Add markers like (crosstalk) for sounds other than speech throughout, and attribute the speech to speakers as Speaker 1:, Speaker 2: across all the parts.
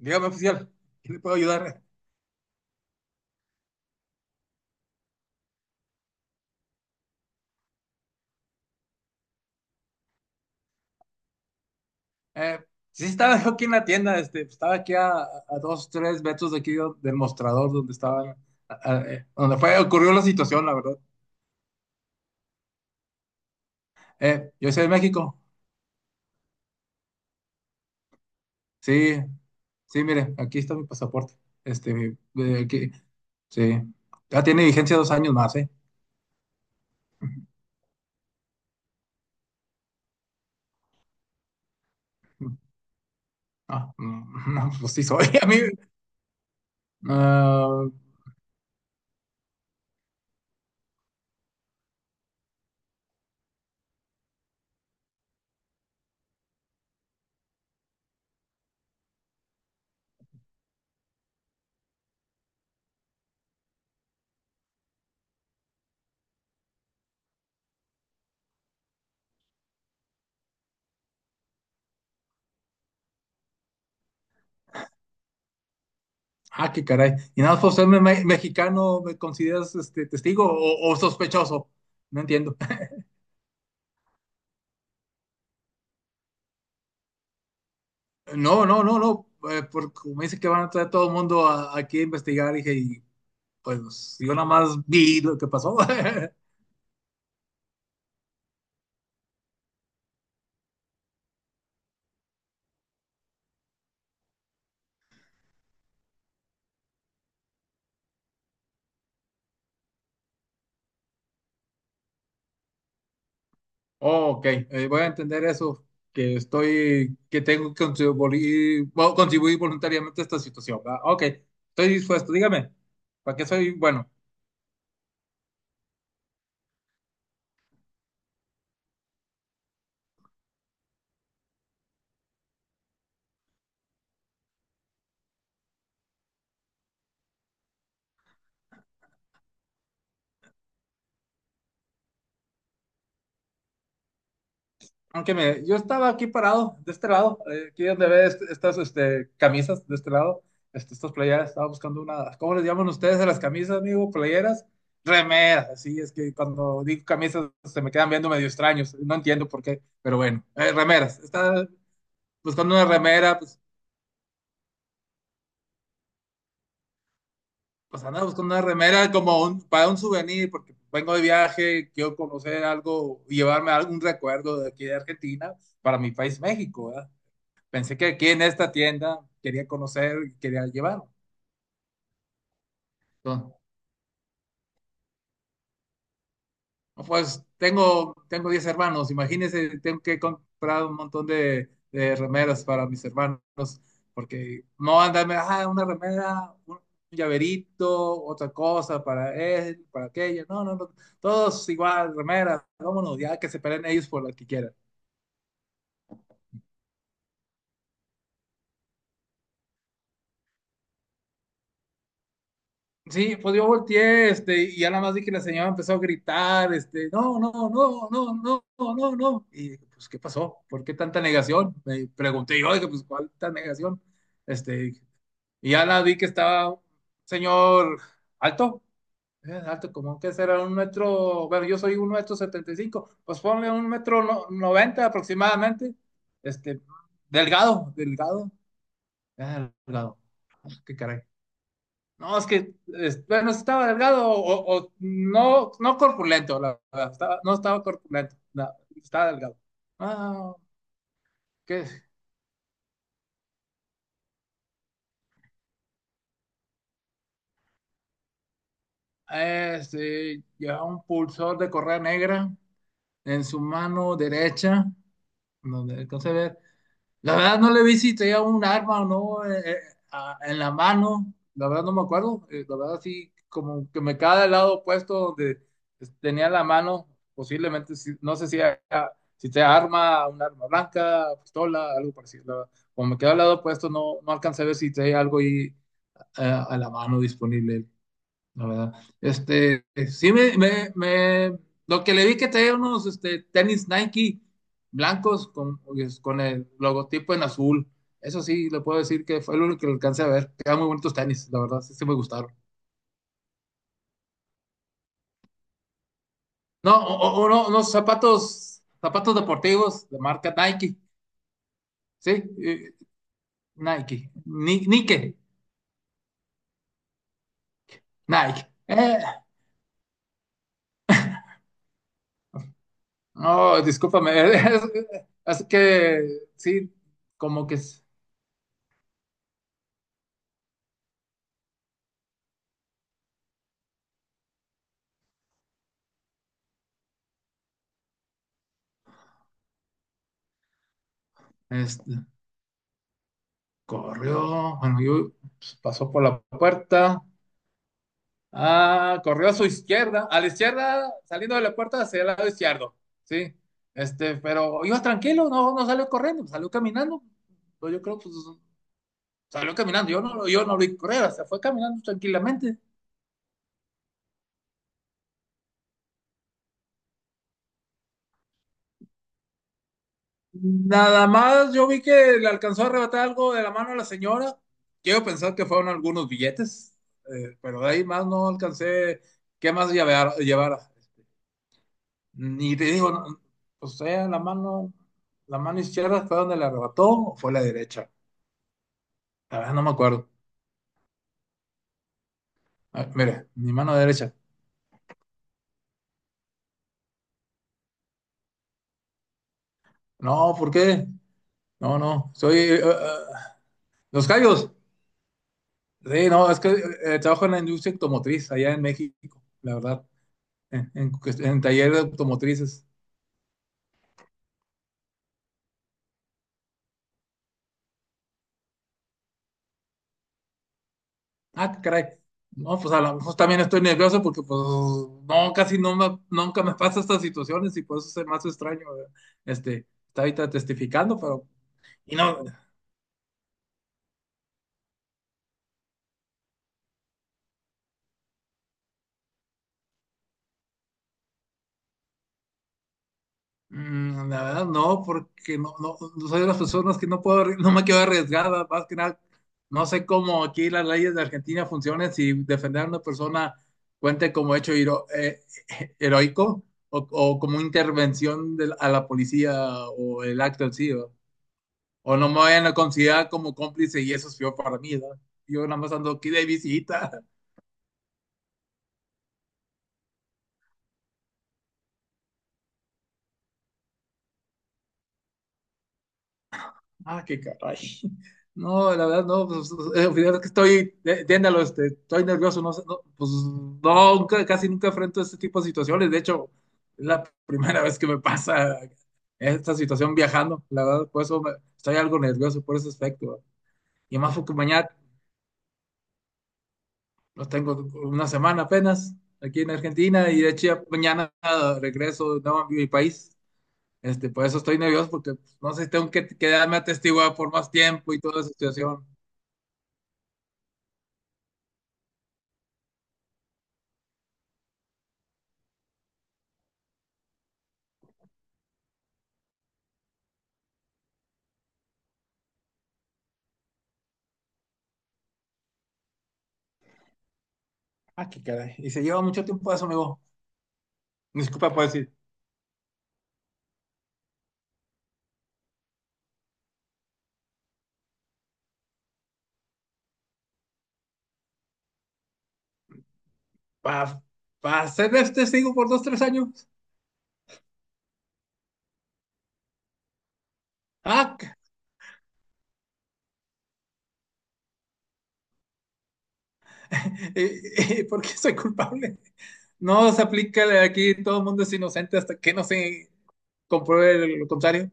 Speaker 1: Dígame, oficial, ¿qué le puedo ayudar? Eh, sí, sí estaba yo aquí en la tienda, este, pues, estaba aquí a dos, tres metros de aquí del mostrador donde estaba, donde fue, ocurrió la situación, la verdad. Yo soy de México, sí, sí, mire, aquí está mi pasaporte, este, aquí, sí, ya tiene vigencia 2 años más, ¿eh? Ah, mm, (laughs) no, pues sí soy, (laughs) a mí, ah, ah, qué caray, y nada más por ser mexicano, ¿me consideras, este, testigo o sospechoso? No entiendo. No, no, no, no, porque me dice que van a traer todo el mundo aquí a investigar, dije, y pues yo nada más vi lo que pasó. (laughs) Oh, ok, voy a entender eso, que estoy, que tengo que contribuir, bueno, contribuir voluntariamente a esta situación, ¿verdad? Ok, estoy dispuesto, dígame, ¿para qué soy bueno? Aunque yo estaba aquí parado, de este lado, aquí donde ves estas este, camisas, de este lado, este, estas playeras, estaba buscando una, ¿cómo les llaman ustedes a las camisas, amigo? Playeras, remeras, así es que cuando digo camisas se me quedan viendo medio extraños, no entiendo por qué, pero bueno, remeras, estaba buscando una remera, pues, pues andaba buscando una remera como un, para un souvenir, porque vengo de viaje, quiero conocer algo, llevarme algún recuerdo de aquí de Argentina para mi país, México, ¿verdad? Pensé que aquí en esta tienda quería conocer, quería llevar. Entonces, no, pues tengo 10 hermanos, imagínense, tengo que comprar un montón de remeras para mis hermanos, porque no andarme, ah, una remera, un llaverito, otra cosa para él, para aquella. No, no, no, todos igual, remeras, vámonos, ya que se peleen ellos por lo que quieran. Sí, pues yo volteé, este, y ya nada más vi que la señora empezó a gritar, este, no, no, no, no, no, no, no. Y dije, pues, ¿qué pasó? ¿Por qué tanta negación? Me pregunté yo, dije, pues, ¿cuál tanta negación? Este, y ya la vi que estaba un señor alto, alto, como que será un metro, bueno, yo soy 1,75 m, pues ponle un metro noventa aproximadamente, este, delgado, delgado, ah, delgado. Ah, qué caray. No, es que, bueno, estaba delgado o no corpulento, la verdad. Estaba- no estaba corpulento, no, estaba delgado. Ah, ¿qué es? Este, llevaba un pulsor de correa negra en su mano derecha, donde alcancé a ver. La verdad no le vi si tenía un arma o no en la mano. La verdad no me acuerdo. La verdad sí, como que me cae del lado opuesto donde tenía la mano. Posiblemente, no sé si, si sea arma, un arma blanca, pistola, algo parecido. La verdad, como me queda al lado opuesto, no, no alcancé a ver si tenía algo ahí a la mano disponible la verdad. Este, sí lo que le vi que traía unos este, tenis Nike blancos con, pues, con el logotipo en azul. Eso sí, le puedo decir que fue lo único que alcancé a ver. Quedan muy bonitos tenis, la verdad, sí, sí me gustaron. No, o no, unos zapatos, zapatos deportivos de marca Nike, sí, eh, Nike, Nike, Nike. No, discúlpame, (laughs) es que sí. como que es- este, Corrió, bueno, yo pues, pasó por la puerta. Ah, corrió a su izquierda, a la izquierda, saliendo de la puerta hacia el lado izquierdo, ¿sí? Este, pero iba tranquilo, no, no salió corriendo, salió caminando. Pues yo creo que pues, salió caminando, yo no lo vi correr, se fue caminando tranquilamente. Nada más, yo vi que le alcanzó a arrebatar algo de la mano a la señora. Quiero pensar que fueron algunos billetes, pero de ahí más no alcancé qué más llevar, llevara. Y te digo, no, o sea, la mano izquierda fue donde le arrebató o fue la derecha. La verdad no me acuerdo. Ah, mira, mi mano derecha. No, ¿por qué? No, no, los callos. Sí, no, es que trabajo en la industria automotriz allá en México, la verdad, en taller de automotrices. Ah, caray. No, pues a lo mejor también estoy nervioso porque pues no, casi no me- nunca me pasa estas situaciones y por eso se me hace extraño, ¿verdad? Este, está ahorita testificando, pero. Y no, la verdad no, porque no, no, no soy de las personas que no puedo, no me quedo arriesgada, más que nada, no sé cómo aquí las leyes de Argentina funcionan, si defender a una persona cuente como hecho (laughs) heroico o como intervención de la- a la policía o el acto en sí, ¿verdad? O no me vayan a considerar como cómplice y eso es peor para mí, ¿verdad? Yo nada más ando aquí de visita. (laughs) Ah, qué caray. No, la verdad, no, pues, al final es que estoy, entiéndalo, este, estoy nervioso, no, sé, no, pues no, casi nunca enfrento este tipo de situaciones, de hecho, es la primera vez que me pasa esta situación viajando, la verdad, por eso estoy algo nervioso por ese aspecto, y más porque mañana, los tengo una semana apenas, aquí en Argentina, y de hecho ya mañana regreso de nuevo a mi país, este, por eso estoy nervioso, porque pues, no sé si tengo que quedarme atestiguado por más tiempo y toda esa situación. Ah, qué caray. Y se lleva mucho tiempo eso, amigo. Disculpa puedo decir, para ser testigo por dos, tres años. Ah, (laughs) eh, ¿Por qué soy culpable? No se aplica aquí, todo el mundo es inocente hasta que no se compruebe lo contrario.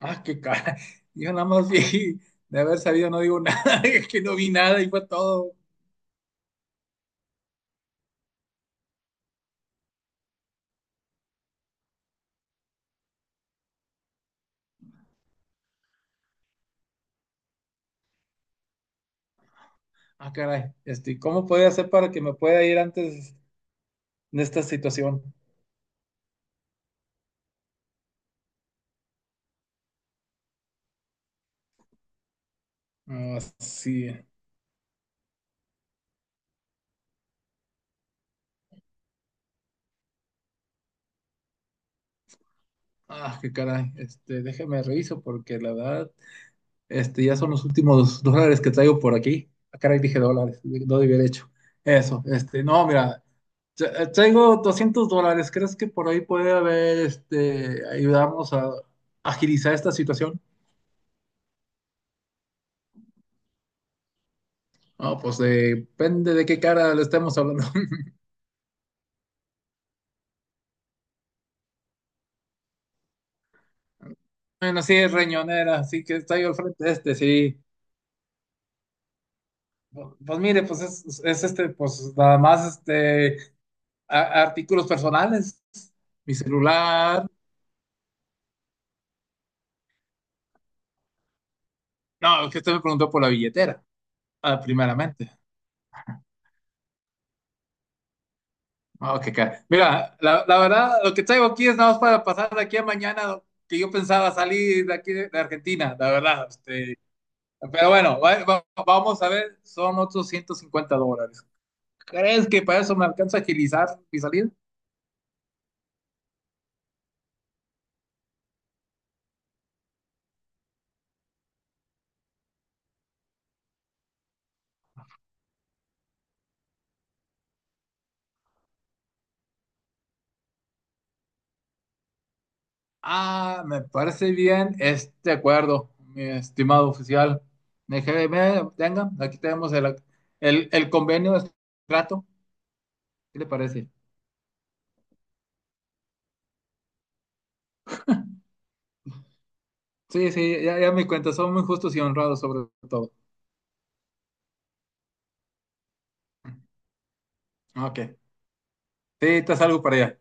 Speaker 1: Ah, qué cara. (laughs) Yo nada más vi, de haber sabido no digo nada, (laughs) es que no vi nada y fue todo. Ah, caray, este, ¿cómo podría hacer para que me pueda ir antes de esta situación? Ah, sí. Ah, qué caray, este, déjeme reviso porque la verdad. Este, ya son los últimos dólares que traigo por aquí. Ah, caray, dije dólares, no debí haber hecho. Eso, este, no, mira, traigo $200. ¿Crees que por ahí puede haber, este, ayudarnos a agilizar esta situación? No, pues depende de qué cara le estemos hablando. (laughs) Bueno, sí, es riñonera, sí que está ahí al frente este, sí. Pues mire, pues es este, pues nada más este, artículos personales, mi celular. No, es que usted me preguntó por la billetera, ah, primeramente. Ah, Mira, la verdad, lo que traigo aquí es nada más para pasar de aquí a mañana, que yo pensaba salir de aquí de Argentina, la verdad. Este, pero bueno, vamos a ver, son otros $150. ¿Crees que para eso me alcanza a agilizar mi salida? Ah, me parece bien este acuerdo, mi estimado oficial. Déjeme, venga, aquí tenemos el, el convenio de trato. ¿Qué le parece? Sí, sí, ya, ya me cuenta, son muy justos y honrados sobre todo. Ok. Sí, estás algo para allá.